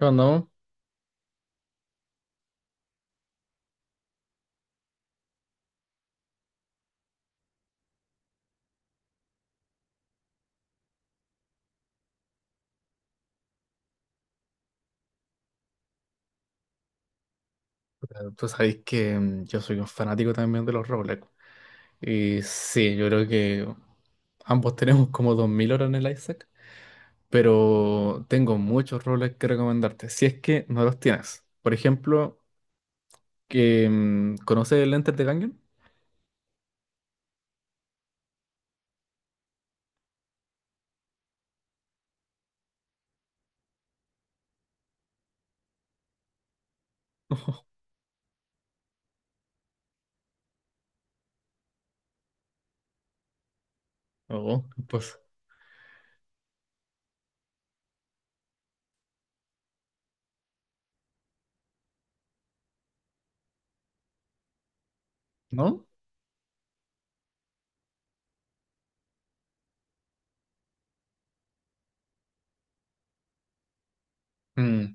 No, no, pero tú sabéis que yo soy un fanático también de los Roblox. Y sí, yo creo que ambos tenemos como 2000 horas en el Isaac, pero tengo muchos Roblox que recomendarte, si es que no los tienes. Por ejemplo, ¿conoces el Enter the Gungeon? Oh, pues, ¿no? Mm.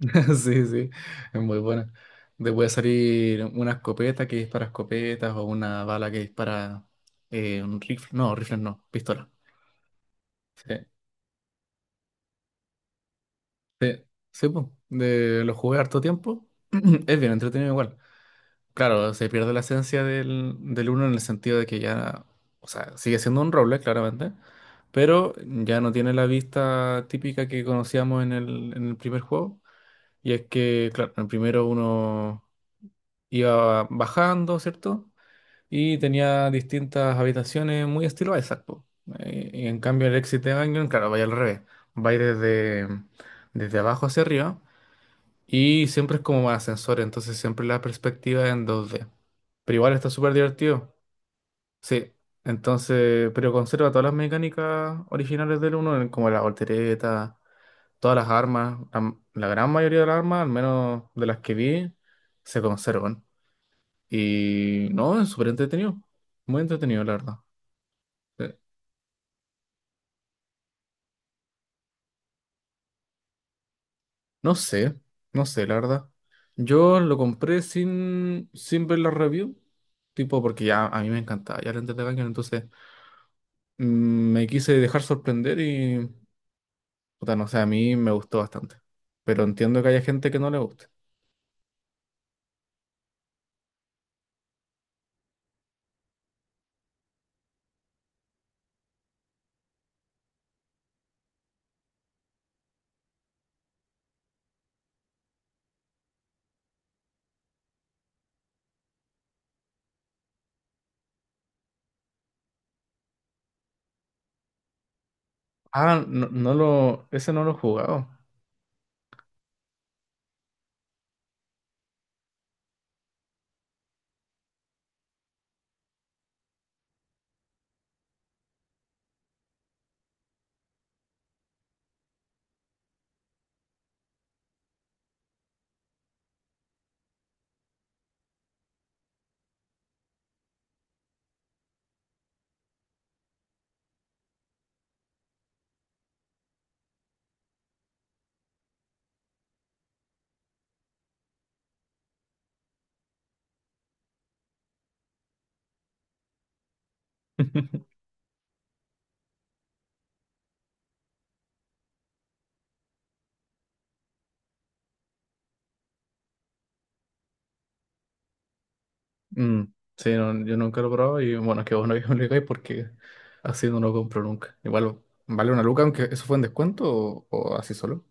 Sí, sí, es muy buena. Te puede salir una escopeta que dispara escopetas o una bala que dispara un rifle no, pistola. Sí. Sí, sí, po. De, lo jugué harto tiempo. Es bien entretenido igual. Claro, se pierde la esencia del uno en el sentido de que ya, o sea, sigue siendo un roble, claramente, pero ya no tiene la vista típica que conocíamos en el primer juego. Y es que, claro, en el primero uno iba bajando, ¿cierto? Y tenía distintas habitaciones muy estilo Isaac, po. Y, en cambio el Exit de claro, vaya al revés. Va desde, desde abajo hacia arriba. Y siempre es como más ascensor, entonces siempre la perspectiva es en dos d. Pero igual está súper divertido. Sí, entonces, pero conserva todas las mecánicas originales del 1, como la voltereta, todas las armas, la gran mayoría de las armas, al menos de las que vi, se conservan. Y no, es súper entretenido, muy entretenido, la verdad. Sí. No sé, no sé, la verdad. Yo lo compré sin, sin ver la review, tipo porque ya a mí me encantaba, ya lo entretenía, entonces... Me quise dejar sorprender y, puta, no sé, a mí me gustó bastante. Pero entiendo que haya gente que no le guste. Ese no lo he jugado. Mm, sí, no, yo nunca lo he probado y bueno, es que vos no me digáis porque así no lo compro nunca. Igual vale una luca, aunque eso fue en descuento o así solo.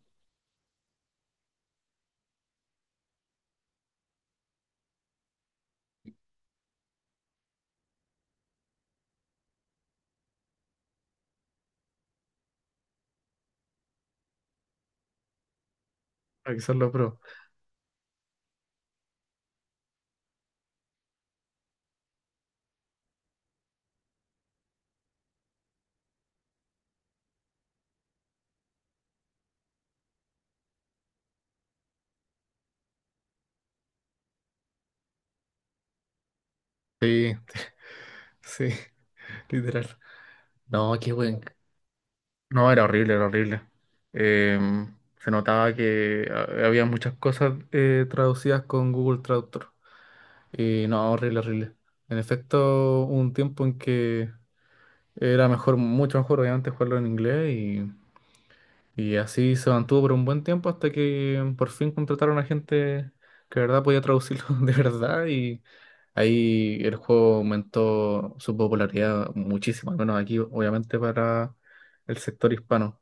Ah, quizás lo pruebo. Sí, sí, literal. No, qué buen. No, era horrible, era horrible. Se notaba que había muchas cosas traducidas con Google Traductor. Y no, horrible, horrible. En efecto, hubo un tiempo en que era mejor, mucho mejor, obviamente, jugarlo en inglés y así se mantuvo por un buen tiempo hasta que por fin contrataron a gente que de verdad podía traducirlo de verdad y ahí el juego aumentó su popularidad muchísimo, al menos aquí, obviamente, para el sector hispano.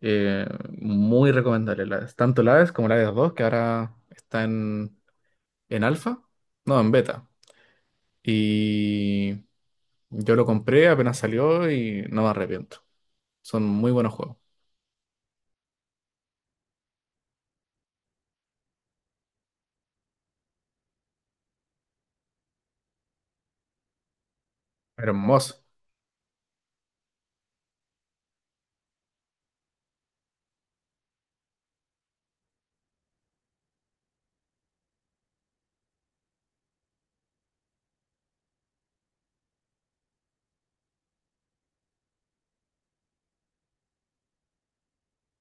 Eh, Muy recomendable, tanto la AES como la AES dos que ahora está en alfa, no, en beta. Y yo lo compré, apenas salió y no me arrepiento. Son muy buenos juegos. Hermoso.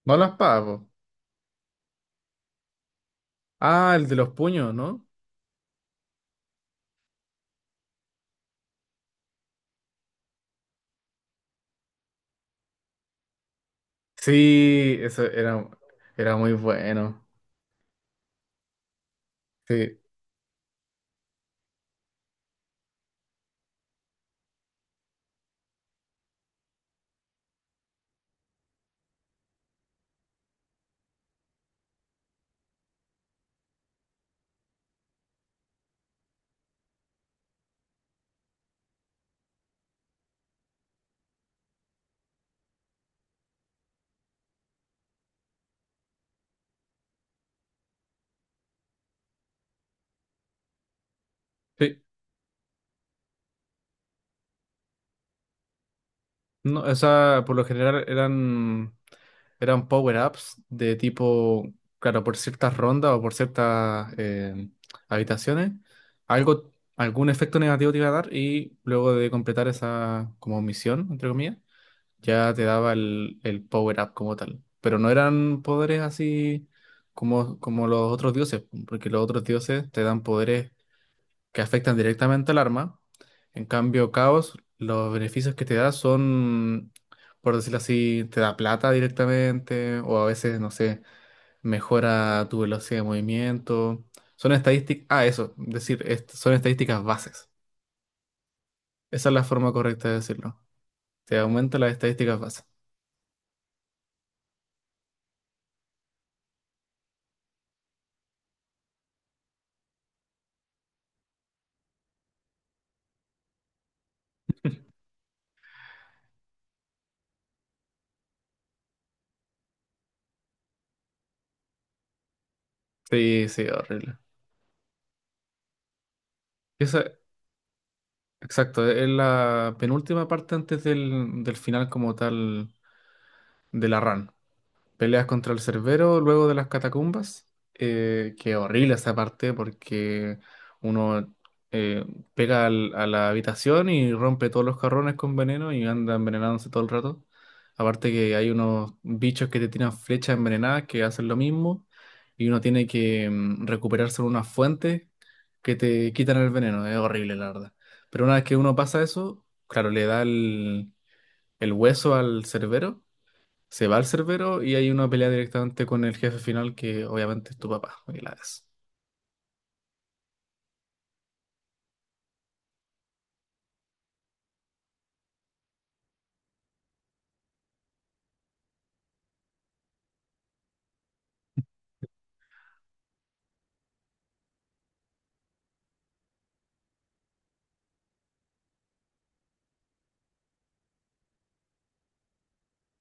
No las pago. Ah, el de los puños, ¿no? Sí, eso era, era muy bueno. Sí, sí. No, o sea, por lo general eran. Eran power-ups de tipo, claro, por ciertas rondas o por ciertas habitaciones, algo, algún efecto negativo te iba a dar y luego de completar esa como misión, entre comillas, ya te daba el power-up como tal. Pero no eran poderes así como, como los otros dioses, porque los otros dioses te dan poderes que afectan directamente al arma. En cambio, Caos, los beneficios que te da son, por decirlo así, te da plata directamente, o a veces, no sé, mejora tu velocidad de movimiento. Son estadísticas, ah, eso, decir, son estadísticas bases. Esa es la forma correcta de decirlo. Te aumenta las estadísticas bases. Sí, sí, horrible. Esa, exacto, es la penúltima parte antes del final como tal de la run. Peleas contra el Cerbero luego de las catacumbas. Que horrible esa parte porque uno eh, pega a la habitación y rompe todos los carrones con veneno y anda envenenándose todo el rato. Aparte que hay unos bichos que te tiran flechas envenenadas que hacen lo mismo y uno tiene que recuperarse en unas fuentes que te quitan el veneno. Es horrible, la verdad. Pero una vez que uno pasa eso, claro, le da el hueso al Cerbero, se va al cerbero y hay una pelea directamente con el jefe final que obviamente es tu papá. Y es.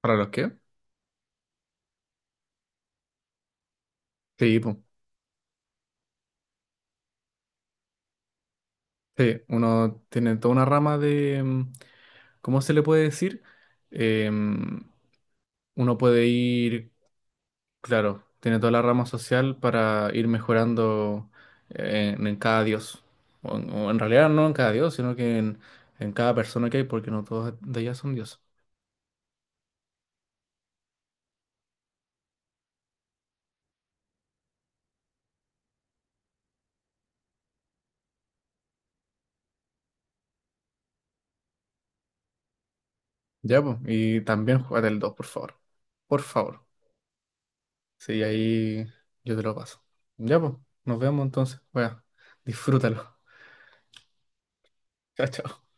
¿Para los qué? Sí, po. Sí, uno tiene toda una rama de... ¿cómo se le puede decir? Em, Uno puede ir, claro, tiene toda la rama social para ir mejorando en cada dios. O en realidad no en cada dios, sino que en cada persona que hay, porque no todos de ellas son dioses. Ya, pues. Y también juega el dos, por favor. Por favor. Sí, ahí yo te lo paso. Ya, pues, nos vemos entonces. Bueno, disfrútalo. Chao, chao.